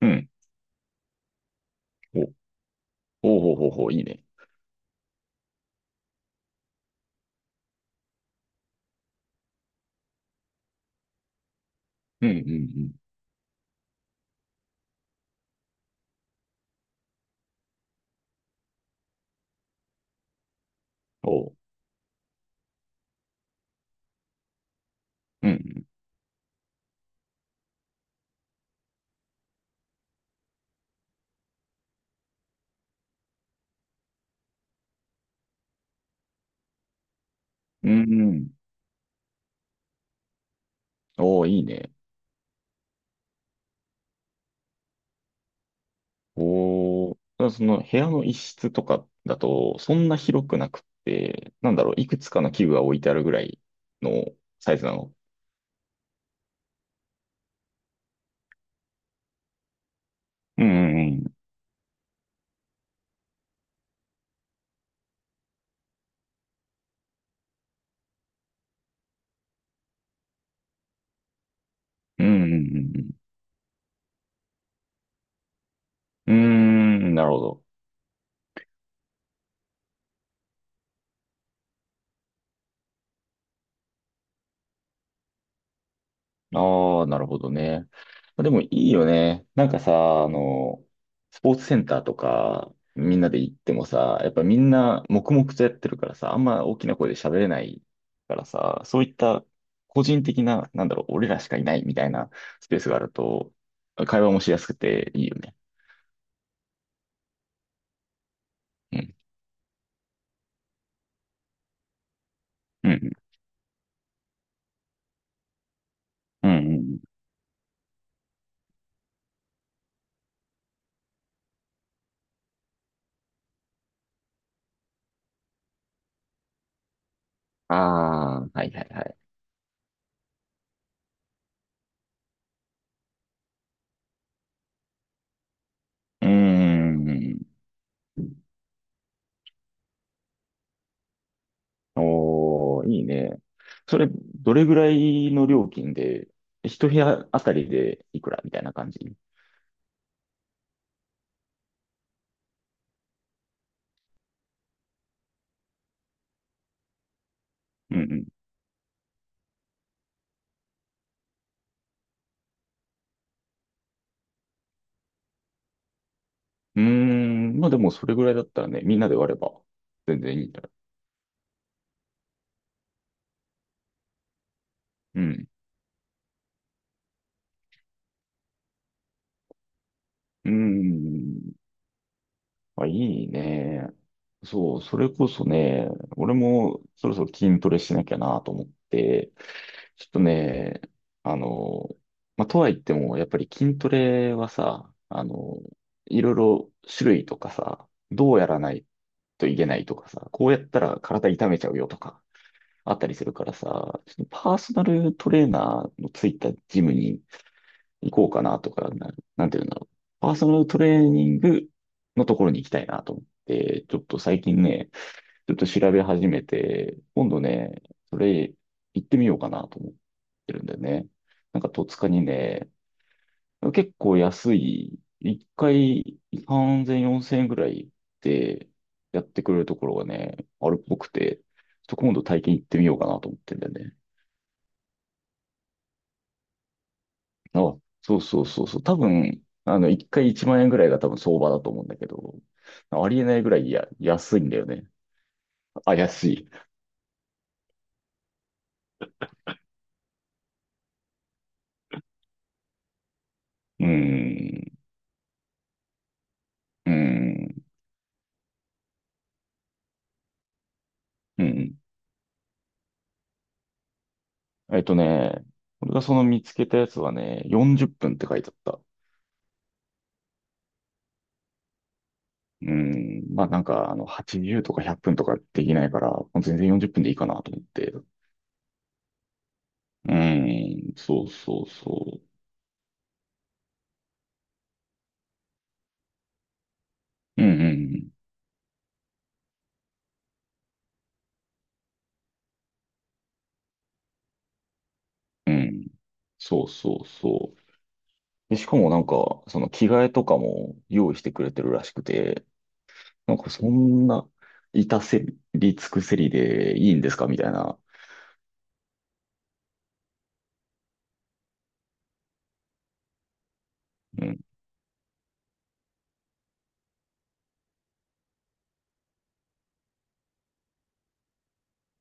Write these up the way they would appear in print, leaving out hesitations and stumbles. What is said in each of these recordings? うん。お、おうほうほうほう、いいね。うん、うん、うん。おう、うん、うん、うん。おーいいね。おー、ただその部屋の一室とかだと、そんな広くなくって、なんだろう、いくつかの器具が置いてあるぐらいのサイズなの。うん、うん、うん。うん、うん、うん。うん、うーん、なるほど。ああ、なるほどね。まあでもいいよね。なんかさ、スポーツセンターとか、みんなで行ってもさ、やっぱみんな黙々とやってるからさ、あんま大きな声で喋れないからさ、そういった個人的な、なんだろう、俺らしかいないみたいなスペースがあると、会話もしやすくていいよね。うん。うん。うん。うん。ああ、はいはいはい。うーん。おー、いいね。それ、どれぐらいの料金で、一部屋あたりでいくらみたいな感じ？うん、うん。うーん、まあでもそれぐらいだったらね、みんなで割れば全然いいんだ。うん。うーん。あ、いいね。そう、それこそね、俺もそろそろ筋トレしなきゃなと思って、ちょっとね、あの、まあ、とはいっても、やっぱり筋トレはさ、いろいろ種類とかさ、どうやらないといけないとかさ、こうやったら体痛めちゃうよとか、あったりするからさ、ちょっとパーソナルトレーナーのついたジムに行こうかなとか、なんていうんだろう。パーソナルトレーニングのところに行きたいなと思って、ちょっと最近ね、ちょっと調べ始めて、今度ね、それ行ってみようかなと思ってるんだよね。なんか戸塚にね、結構安い、一回3 0 0 4000円ぐらいでやってくれるところがね、あるっぽくて、ちょっと今度体験行ってみようかなと思ってんだよね。あ、そうそうそうそう。多分、一回1万円ぐらいが多分相場だと思うんだけど、ありえないぐらい安いんだよね。あ、安い。うーん、うーん、うん。えっとね、俺がその見つけたやつはね、40分っぷんって書いてあった。うーん、まあなんか、80とか100分とかできないから、もう全然40分でいいかなと思って。うーん、そうそうそう。うん、うん、うん。そうそうそう。で、しかもなんか、その着替えとかも用意してくれてるらしくて、なんかそんな、至せり尽くせりでいいんですかみたいな。うん。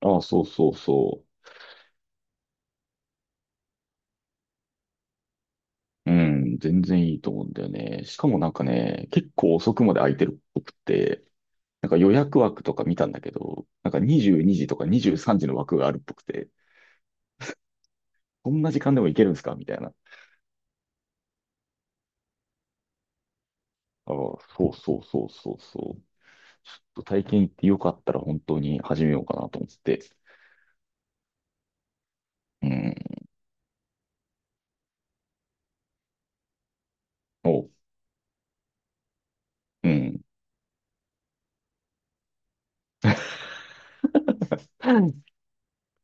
ああ、そうそうそう。うん、全然いいと思うんだよね。しかもなんかね、結構遅くまで空いてるっぽくって、なんか予約枠とか見たんだけど、なんか22時とか23時の枠があるっぽくて、こんな時間でも行けるんですかみたいな。ああ、そうそうそうそうそう。ちょっと体験行ってよかったら本当に始めようかなと思って。うん、お、うん。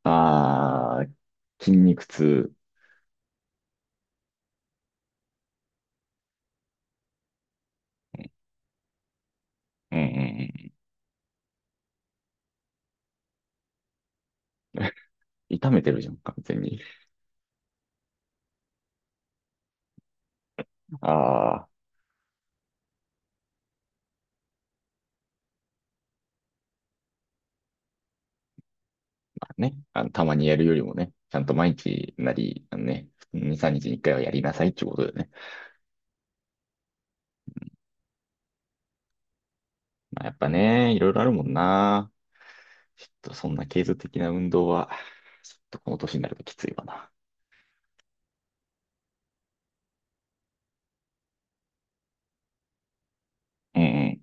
ああ、筋肉痛。うん、うん、うん。痛めてるじゃん、完全に。ああ、ね。たまにやるよりもね、ちゃんと毎日なり、2、3日に1回はやりなさいってことでね。まあ、やっぱね、いろいろあるもんな。ちょっとそんな継続的な運動は、ちょっとこの年になるときついわな。うん、うん、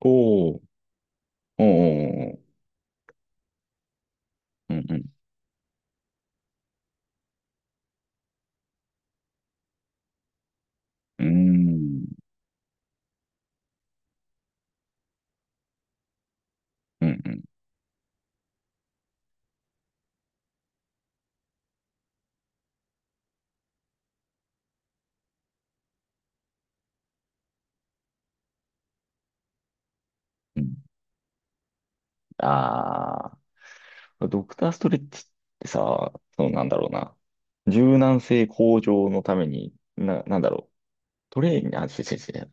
おー、おー、おー、おー、うん、うん、うーん、うん、うん、うん、ああ、ドクターストレッチってさ、なんだろうな。柔軟性向上のために、なんだろう。トレーニング、あ、違う違う違う。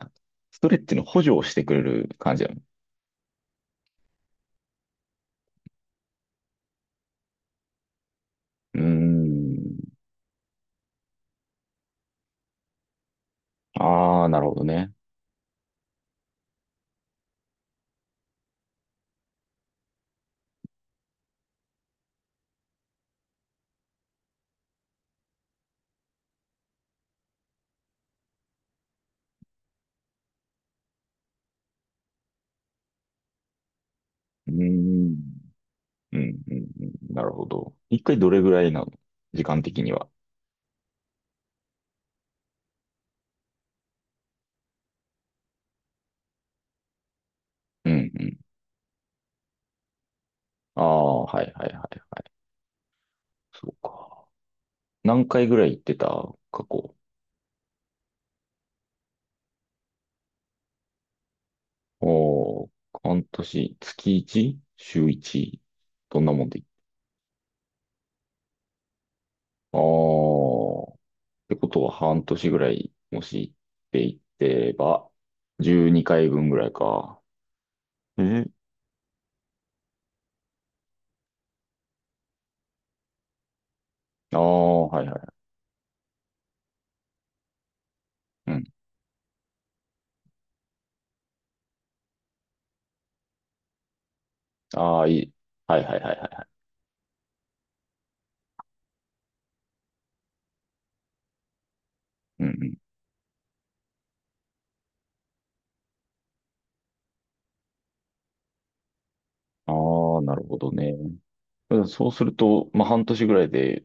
ストレッチの補助をしてくれる感じだよ。うーん。ああ、なるほどね。うーん。うん、うん、うん。なるほど。一回どれぐらいなの時間的には？うん、うん。ああ、はい、はい、はい、はい。そうか。何回ぐらい行ってた過去？おー、半年、月 1？ 週 1？ どんなもんで？ああ、ってことは半年ぐらい、もし行っていってば、12回分ぐらいか。え、ああ、はいはい。うん。ああ、いい。はい、はい、はい、はい、はい。うん、うん。ああ、なるほどね。そうすると、まあ、半年ぐらいで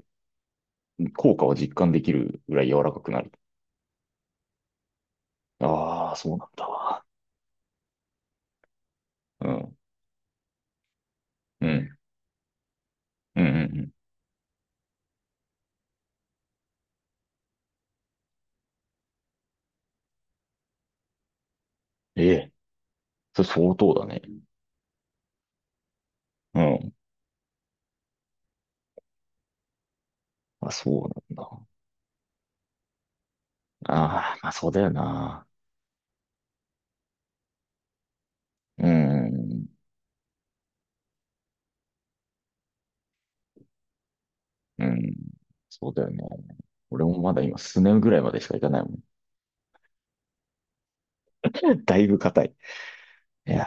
効果を実感できるぐらい柔らかくなる？ああ、そうなんだわ。うん。うん。うん、うん、うん。ええ。それ相当だね。うん。あ、そうなんだ。ああ、まあそうだよな。うん。うん。そうだよね。俺もまだ今、スネぐらいまでしか行かないもん。だいぶ硬い。いや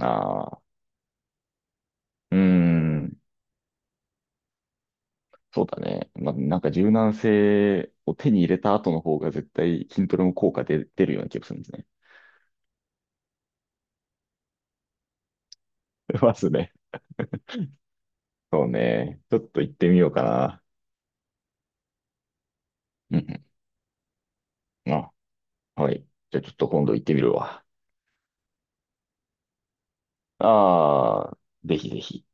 ー、ああ、うーん。そうだね。まあ、なんか柔軟性を手に入れた後の方が絶対筋トレも効果出るような気がするんですね。ますね。そうね。ちょっと行ってみようかな。うん、うん。あ、はい。じゃあちょっと今度行ってみるわ。ああ、ぜひぜひ。